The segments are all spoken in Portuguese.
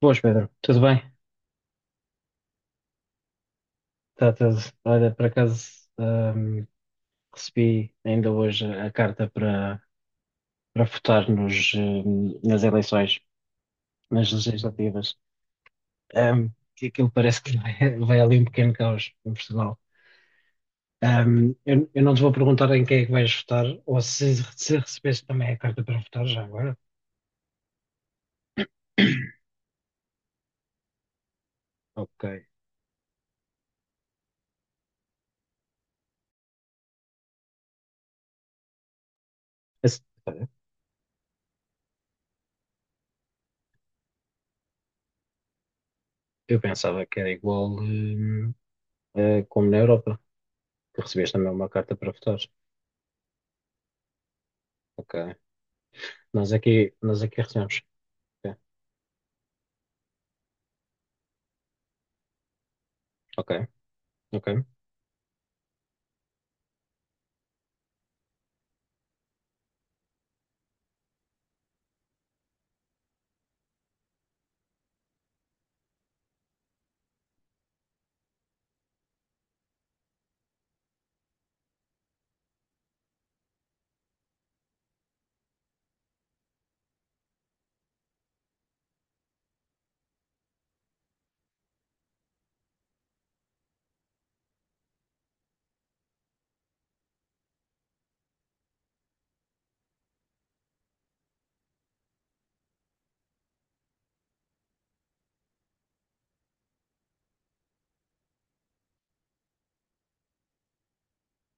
Boas, Pedro. Tudo bem? Tá tudo. Olha, por acaso, ahm, recebi ainda hoje a carta para, para votar nos, nas eleições, nas legislativas. Ahm, que aquilo parece que vai, vai ali um pequeno caos em Portugal. Eu não te vou perguntar em quem é que vais votar, ou se recebeste também a carta para votar já agora. Ok. Esse- olha, eu pensava que era igual, como na Europa, que recebeste também uma carta para votar. Ok. Nós aqui recebemos. É, ok, ok.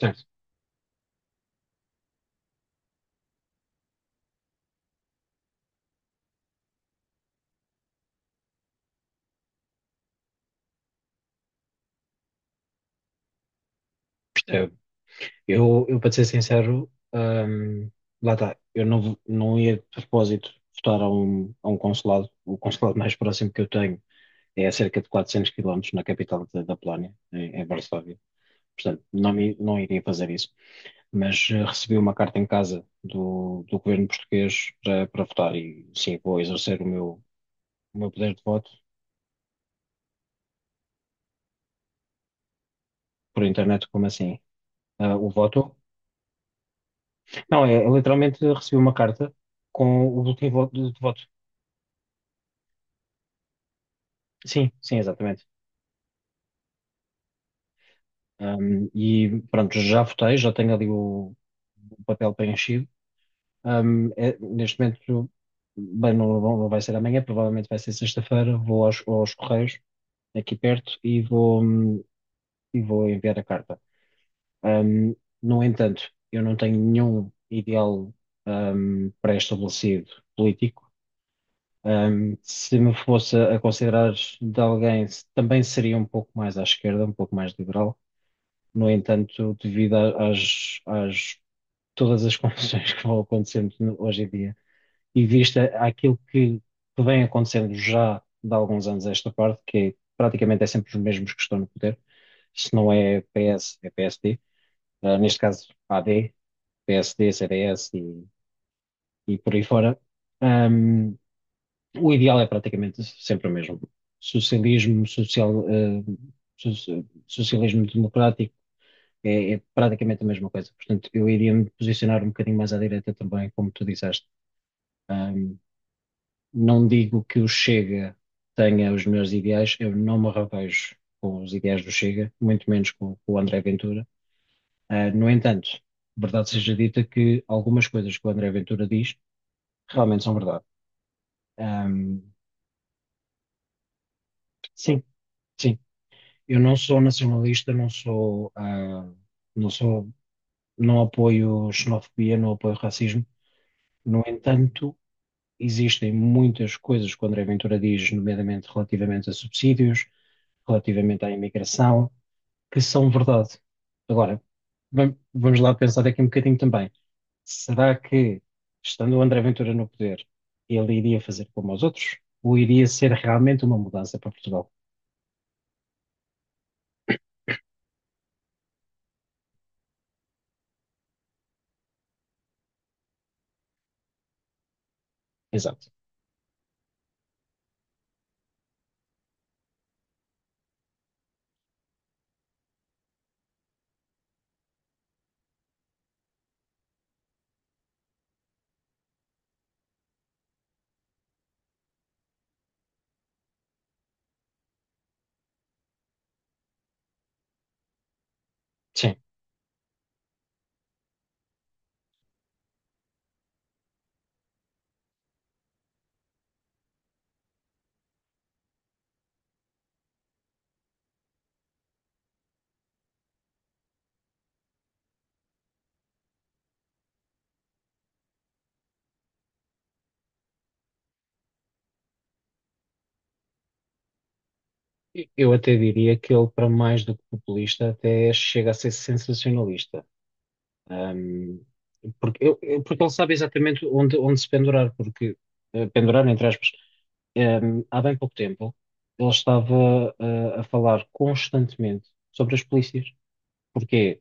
Certo, percebo. Eu para te ser sincero, lá está, eu não, não ia de propósito votar a um consulado. O consulado mais próximo que eu tenho é a cerca de 400 quilómetros na capital da, da Polónia, em, em Varsóvia. Portanto, não, não iria fazer isso. Mas recebi uma carta em casa do, do governo português para, para votar e sim, vou exercer o meu poder de voto por internet, como assim? Ah, o voto? Não, é, eu literalmente recebi uma carta com o boletim de voto. Sim, sim, exatamente. E pronto, já votei, já tenho ali o papel preenchido. É- neste momento, bem, não, não não vai ser amanhã, provavelmente vai ser sexta-feira. Vou aos, aos Correios, aqui perto, e vou enviar a carta. Um, no entanto, eu não tenho nenhum ideal, pré-estabelecido político. Se me fosse a considerar de alguém, se- também seria um pouco mais à esquerda, um pouco mais liberal. No entanto, devido a- às, às todas as confusões que vão acontecendo no- hoje em dia, e vista aquilo que vem acontecendo já de alguns anos a esta parte, que é, praticamente é sempre os mesmos que estão no poder, se não é PS, é PSD, ah, neste caso AD, PSD, CDS e por aí fora. O ideal é praticamente sempre o mesmo. Socialismo, social, socialismo democrático é, é praticamente a mesma coisa. Portanto, eu iria me posicionar um bocadinho mais à direita também, como tu disseste. Ahm, não digo que o Chega tenha os meus ideais, eu não me revejo com os ideais do Chega, muito menos com o André Ventura. Ah, no entanto, verdade seja dita que algumas coisas que o André Ventura diz realmente são verdade. Ahm, sim. Sim, eu não sou nacionalista, não sou, não sou, não apoio xenofobia, não apoio racismo. No entanto, existem muitas coisas que o André Ventura diz, nomeadamente relativamente a subsídios, relativamente à imigração, que são verdade. Agora, vamos lá pensar aqui um bocadinho também. Será que, estando o André Ventura no poder, ele iria fazer como os outros? Ou iria ser realmente uma mudança para Portugal? Exato. Sim. Eu até diria que ele, para mais do que populista, até chega a ser sensacionalista. Ahm, porque, porque ele sabe exatamente onde, onde se pendurar, porque, pendurar, entre aspas, há bem pouco tempo ele estava, a falar constantemente sobre as polícias. Porquê?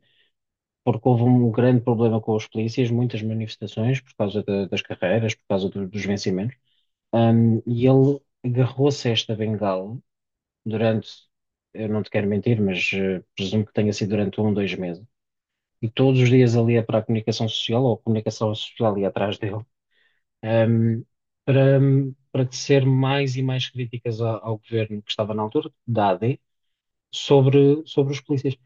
Porque houve um grande problema com as polícias, muitas manifestações por causa da- das carreiras, por causa do- dos vencimentos. E ele agarrou-se a esta bengala durante, eu não te quero mentir, mas presumo que tenha sido durante 1, 2 meses. E todos os dias ali é para a comunicação social, ou a comunicação social ali atrás dele, ehm, para, para tecer mais e mais críticas ao, ao governo que estava na altura, da AD, sobre, sobre os polícias.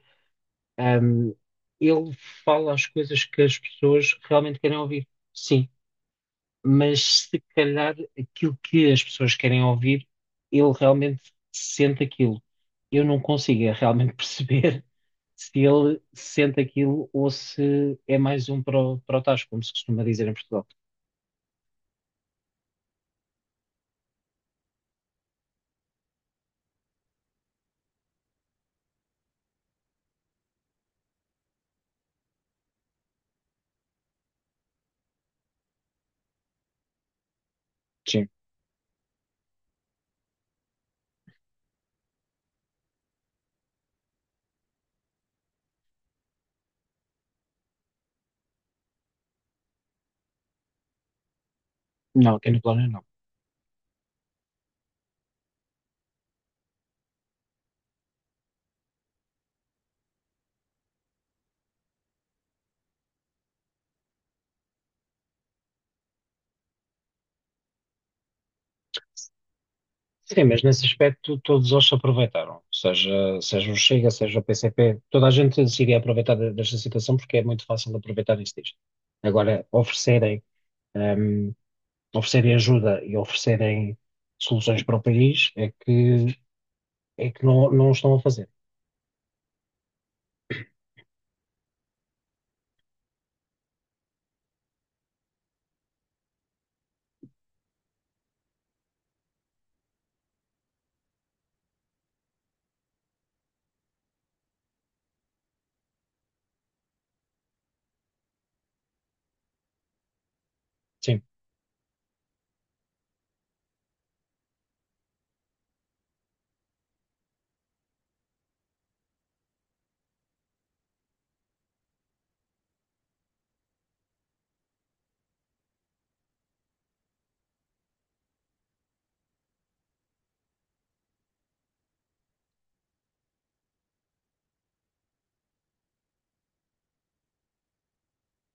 Ehm, ele fala as coisas que as pessoas realmente querem ouvir. Sim, mas se calhar aquilo que as pessoas querem ouvir, ele realmente sente aquilo. Eu não consigo é realmente perceber se ele sente aquilo ou se é mais um para o, para o tacho, como se costuma dizer em Portugal. Sim, não, aqui no plano não. Sim, mas nesse aspecto todos eles se aproveitaram, seja, seja o Chega, seja o PCP, toda a gente se iria aproveitar de- desta situação porque é muito fácil aproveitar isso disto. Agora, oferecerem hum, oferecerem ajuda e oferecerem soluções para o país, é que não, não o estão a fazer. Sim,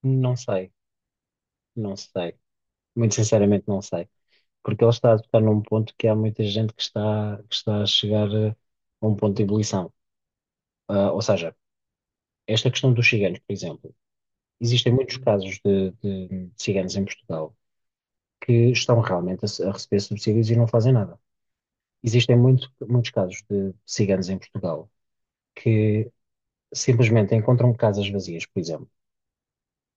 não sei, não sei. Muito sinceramente, não sei. Porque ele está a tocar num ponto que há muita gente que está a chegar a um ponto de ebulição. Ah, ou seja, esta questão dos ciganos, por exemplo, existem muitos casos de ciganos em Portugal que estão realmente a, a receber subsídios e não fazem nada. Existem muito, muitos casos de ciganos em Portugal que simplesmente encontram casas vazias, por exemplo,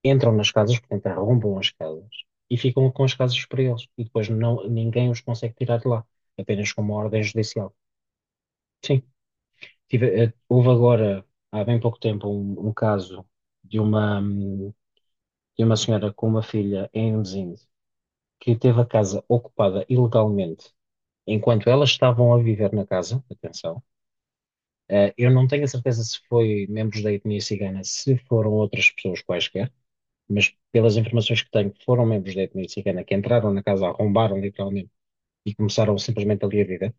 entram nas casas, portanto arrombam as casas e ficam com as casas para eles e depois não, ninguém os consegue tirar de lá, apenas com uma ordem judicial. Sim, houve agora, há bem pouco tempo, um caso de uma, hum, de uma senhora com uma filha em Mzinde que teve a casa ocupada ilegalmente enquanto elas estavam a viver na casa, atenção. Eu não tenho a certeza se foi membros da etnia cigana, se foram outras pessoas quaisquer, mas pelas informações que tenho, foram membros da etnia cigana que entraram na casa, arrombaram literalmente e começaram simplesmente ali a vida.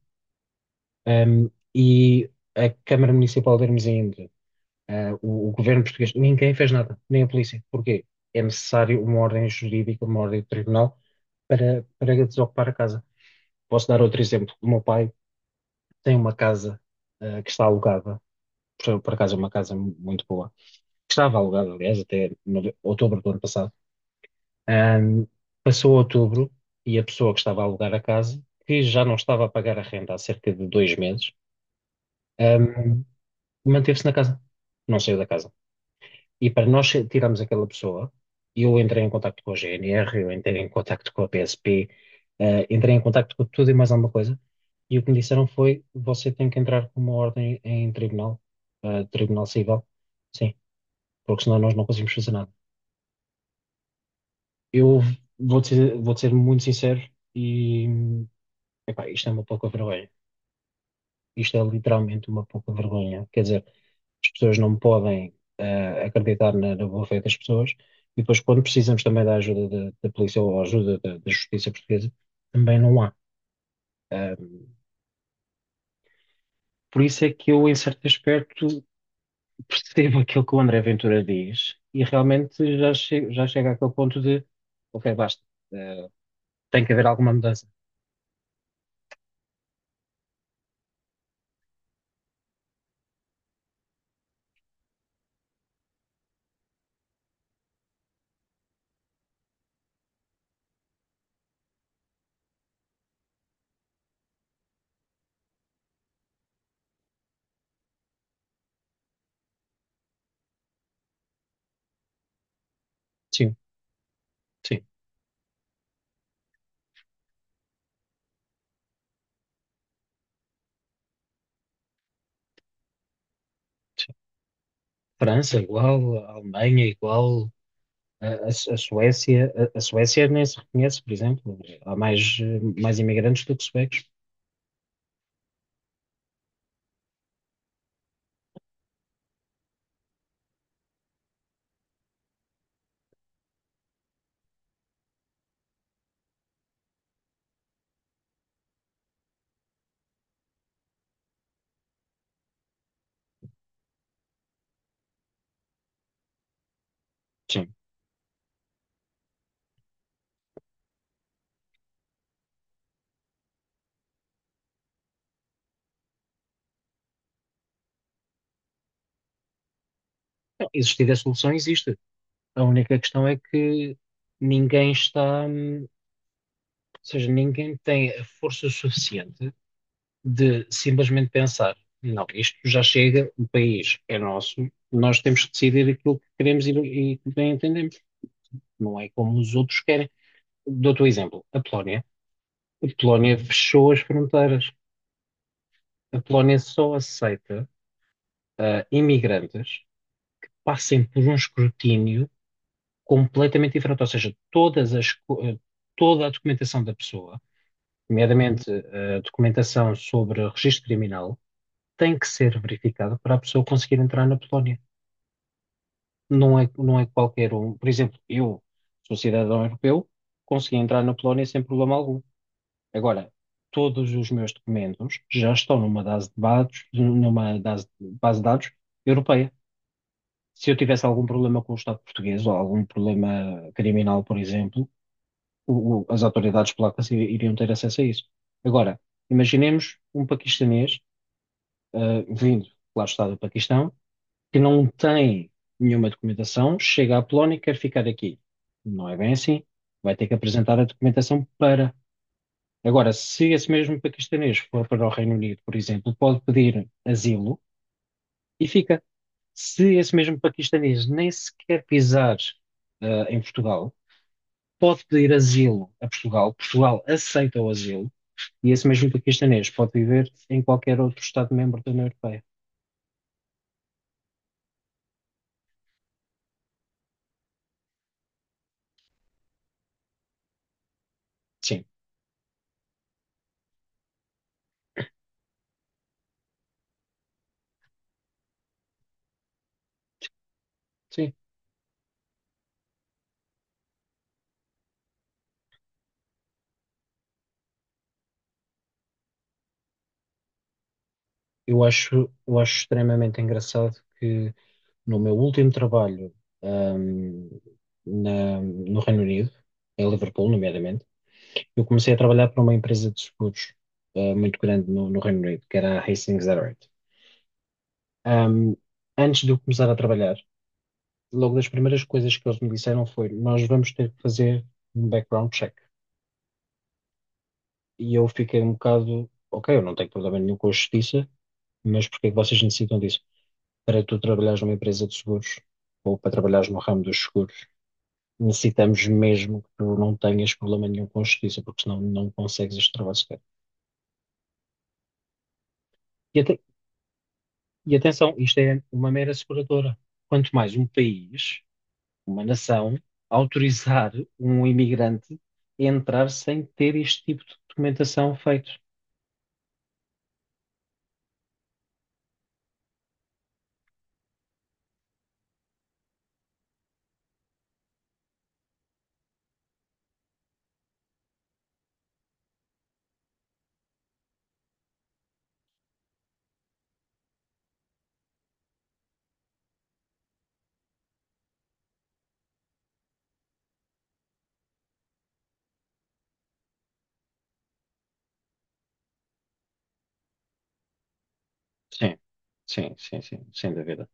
E a Câmara Municipal de Hermesinde, ah, o governo português, ninguém fez nada, nem a polícia. Porquê? É necessário uma ordem jurídica, uma ordem de tribunal para, para desocupar a casa. Posso dar outro exemplo. O meu pai tem uma casa, ah, que está alugada, por acaso é uma casa muito boa, que estava alugada, aliás, até no- outubro do ano passado. Ahm, passou outubro e a pessoa que estava a alugar a casa, que já não estava a pagar a renda há cerca de 2 meses, ahm, manteve-se na casa, não saiu da casa. E para nós tirarmos aquela pessoa, eu entrei em contacto com a GNR, eu entrei em contacto com a PSP, entrei em contacto com tudo e mais alguma coisa, e o que me disseram foi: você tem que entrar com uma ordem em tribunal, ah, tribunal civil, sim, porque senão nós não conseguimos fazer nada. Eu vou-te ser muito sincero e. Epá, isto é uma pouca vergonha. Isto é literalmente uma pouca vergonha. Quer dizer, as pessoas não podem acreditar na, na boa fé das pessoas e depois, quando precisamos também da ajuda da, da polícia ou ajuda da, da justiça portuguesa, também não há. Ahm, por isso é que eu, em certo aspecto, percebo aquilo que o André Ventura diz e realmente já, che já chega àquele ponto de, ok, basta. Eh, tem que haver alguma mudança. Sim, sim, sim. França igual, Alemanha igual, a, a Suécia nem se reconhece, por exemplo. Há mais, mais imigrantes do que suecos. Sim. Não, existir a solução existe. A única questão é que ninguém está, ou seja, ninguém tem a força suficiente de simplesmente pensar, não, isto já chega, o país é nosso, nós temos que decidir aquilo que queremos e que bem entendemos. Não é como os outros querem. Dou-te o exemplo, a Polónia. A Polónia fechou as fronteiras. A Polónia só aceita imigrantes passem por um escrutínio completamente diferente, ou seja, todas as, toda a documentação da pessoa, nomeadamente a documentação sobre registro criminal, tem que ser verificada para a pessoa conseguir entrar na Polónia. Não é, não é qualquer um. Por exemplo, eu sou cidadão europeu, consegui entrar na Polónia sem problema algum. Agora, todos os meus documentos já estão numa base de dados, numa base de dados europeia. Se eu tivesse algum problema com o Estado português ou algum problema criminal, por exemplo, as autoridades polacas iriam ter acesso a isso. Agora, imaginemos um paquistanês, vindo, lá está do Paquistão, que não tem nenhuma documentação, chega à Polónia e quer ficar aqui. Não é bem assim. Vai ter que apresentar a documentação para. Agora, se esse mesmo paquistanês for para o Reino Unido, por exemplo, pode pedir asilo e fica. Se esse mesmo paquistanês nem sequer pisar, em Portugal, pode pedir asilo a Portugal, Portugal aceita o asilo, e esse mesmo paquistanês pode viver em qualquer outro Estado-membro da União Europeia. Sim, sim. Eu acho extremamente engraçado que no meu último trabalho, ahm, na- no Reino Unido, em Liverpool, nomeadamente, eu comecei a trabalhar para uma empresa de seguros, muito grande no, no Reino Unido, que era a Hastings Direct. Ahm, antes de eu começar a trabalhar, logo das primeiras coisas que eles me disseram foi: Nós vamos ter que fazer um background check. E eu fiquei um bocado, ok, eu não tenho problema nenhum com a justiça, mas porque é que vocês necessitam disso? Para tu trabalhares numa empresa de seguros ou para trabalhares no ramo dos seguros, necessitamos mesmo que tu não tenhas problema nenhum com a justiça, porque senão não consegues este trabalho sequer. E, e atenção, isto é uma mera seguradora. Quanto mais um país, uma nação autorizar um imigrante a entrar sem ter este tipo de documentação feito. Sim, sim, sim, sim, sem dúvida.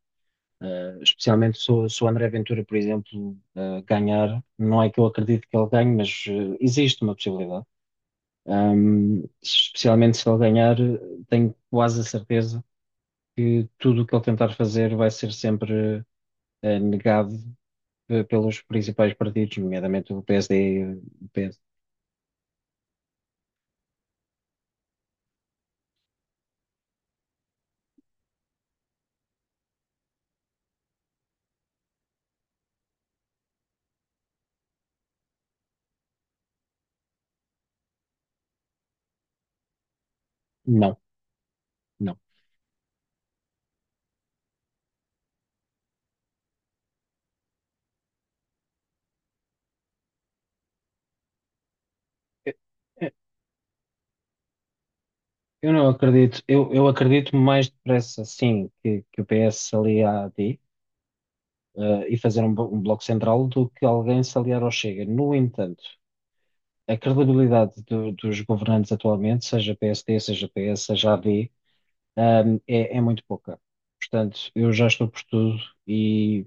Especialmente se o André Ventura, por exemplo, ganhar, não é que eu acredito que ele ganhe, mas existe uma possibilidade. Especialmente se ele ganhar, tenho quase a certeza que tudo o que ele tentar fazer vai ser sempre negado pelos principais partidos, nomeadamente o PSD e o PS. Não, não. Eu eu não acredito, eu acredito mais depressa, sim, que o PS se alie à AD, e fazer um, um bloco central, do que alguém se aliar ao Chega. No entanto, a credibilidade dos governantes atualmente, seja PSD, seja PS, seja AD, é, é muito pouca. Portanto, eu já estou por tudo e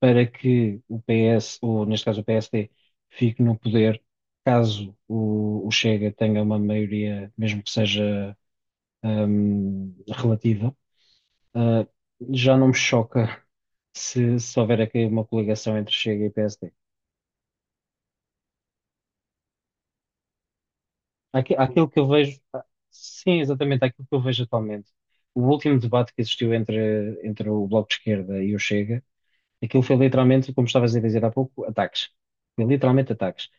para que o PS, ou neste caso o PSD, fique no poder, caso o Chega tenha uma maioria, mesmo que seja relativa. Ah, Já não me choca se, se houver aqui uma coligação entre Chega e PSD. Aquilo que eu vejo, sim, exatamente aquilo que eu vejo atualmente. O último debate que existiu entre, entre o Bloco de Esquerda e o Chega, aquilo foi literalmente, como estavas a dizer há pouco, ataques. Foi literalmente ataques.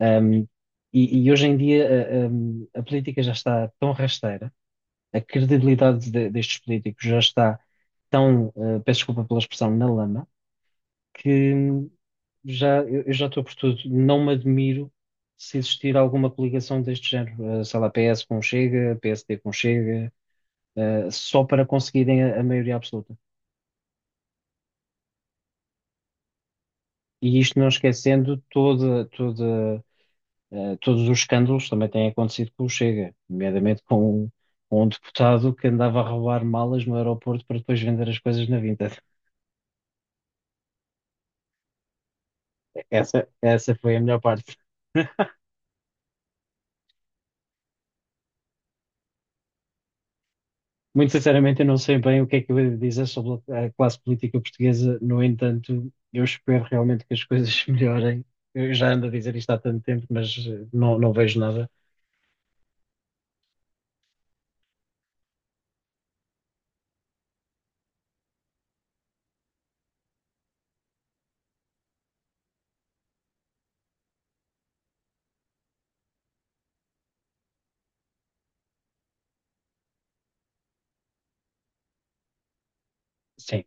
Hum, e, e hoje em dia a política já está tão rasteira, a credibilidade destes políticos já está tão, peço desculpa pela expressão, na lama, que já, eu já estou por tudo. Não me admiro se existir alguma coligação deste género. Sei lá, PS com o Chega, PSD com o Chega, só para conseguirem a maioria absoluta. E isto não esquecendo toda, todos os escândalos que também têm acontecido com o Chega, nomeadamente com um deputado que andava a roubar malas no aeroporto para depois vender as coisas na Vinted. Essa foi a melhor parte. Muito sinceramente, eu não sei bem o que é que eu ia dizer sobre a classe política portuguesa. No entanto, eu espero realmente que as coisas melhorem. Eu já ando a dizer isto há tanto tempo, mas não, não vejo nada. Sim,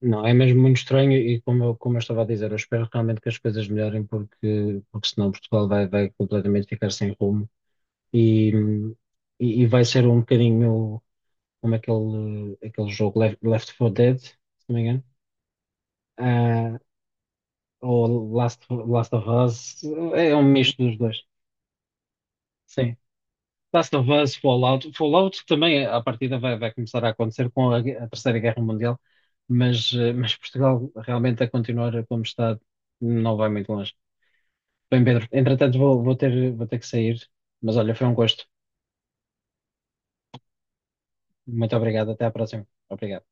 não, é mesmo muito estranho e, como eu estava a dizer, eu espero realmente que as coisas melhorem, porque, porque senão Portugal vai, vai completamente ficar sem rumo e, e vai ser um bocadinho como aquele, aquele jogo Left, Left 4 Dead, se não me engano. Ah, ou Last, Last of Us, é um misto dos dois. Sim. Last of Us, Fallout. Fallout também, à partida, vai, vai começar a acontecer com a, a Terceira Guerra Mundial, mas, mas Portugal realmente a continuar como está não vai muito longe. Bem, Pedro, entretanto vou, vou ter que sair, mas olha, foi um gosto. Muito obrigado, até à próxima. Obrigado.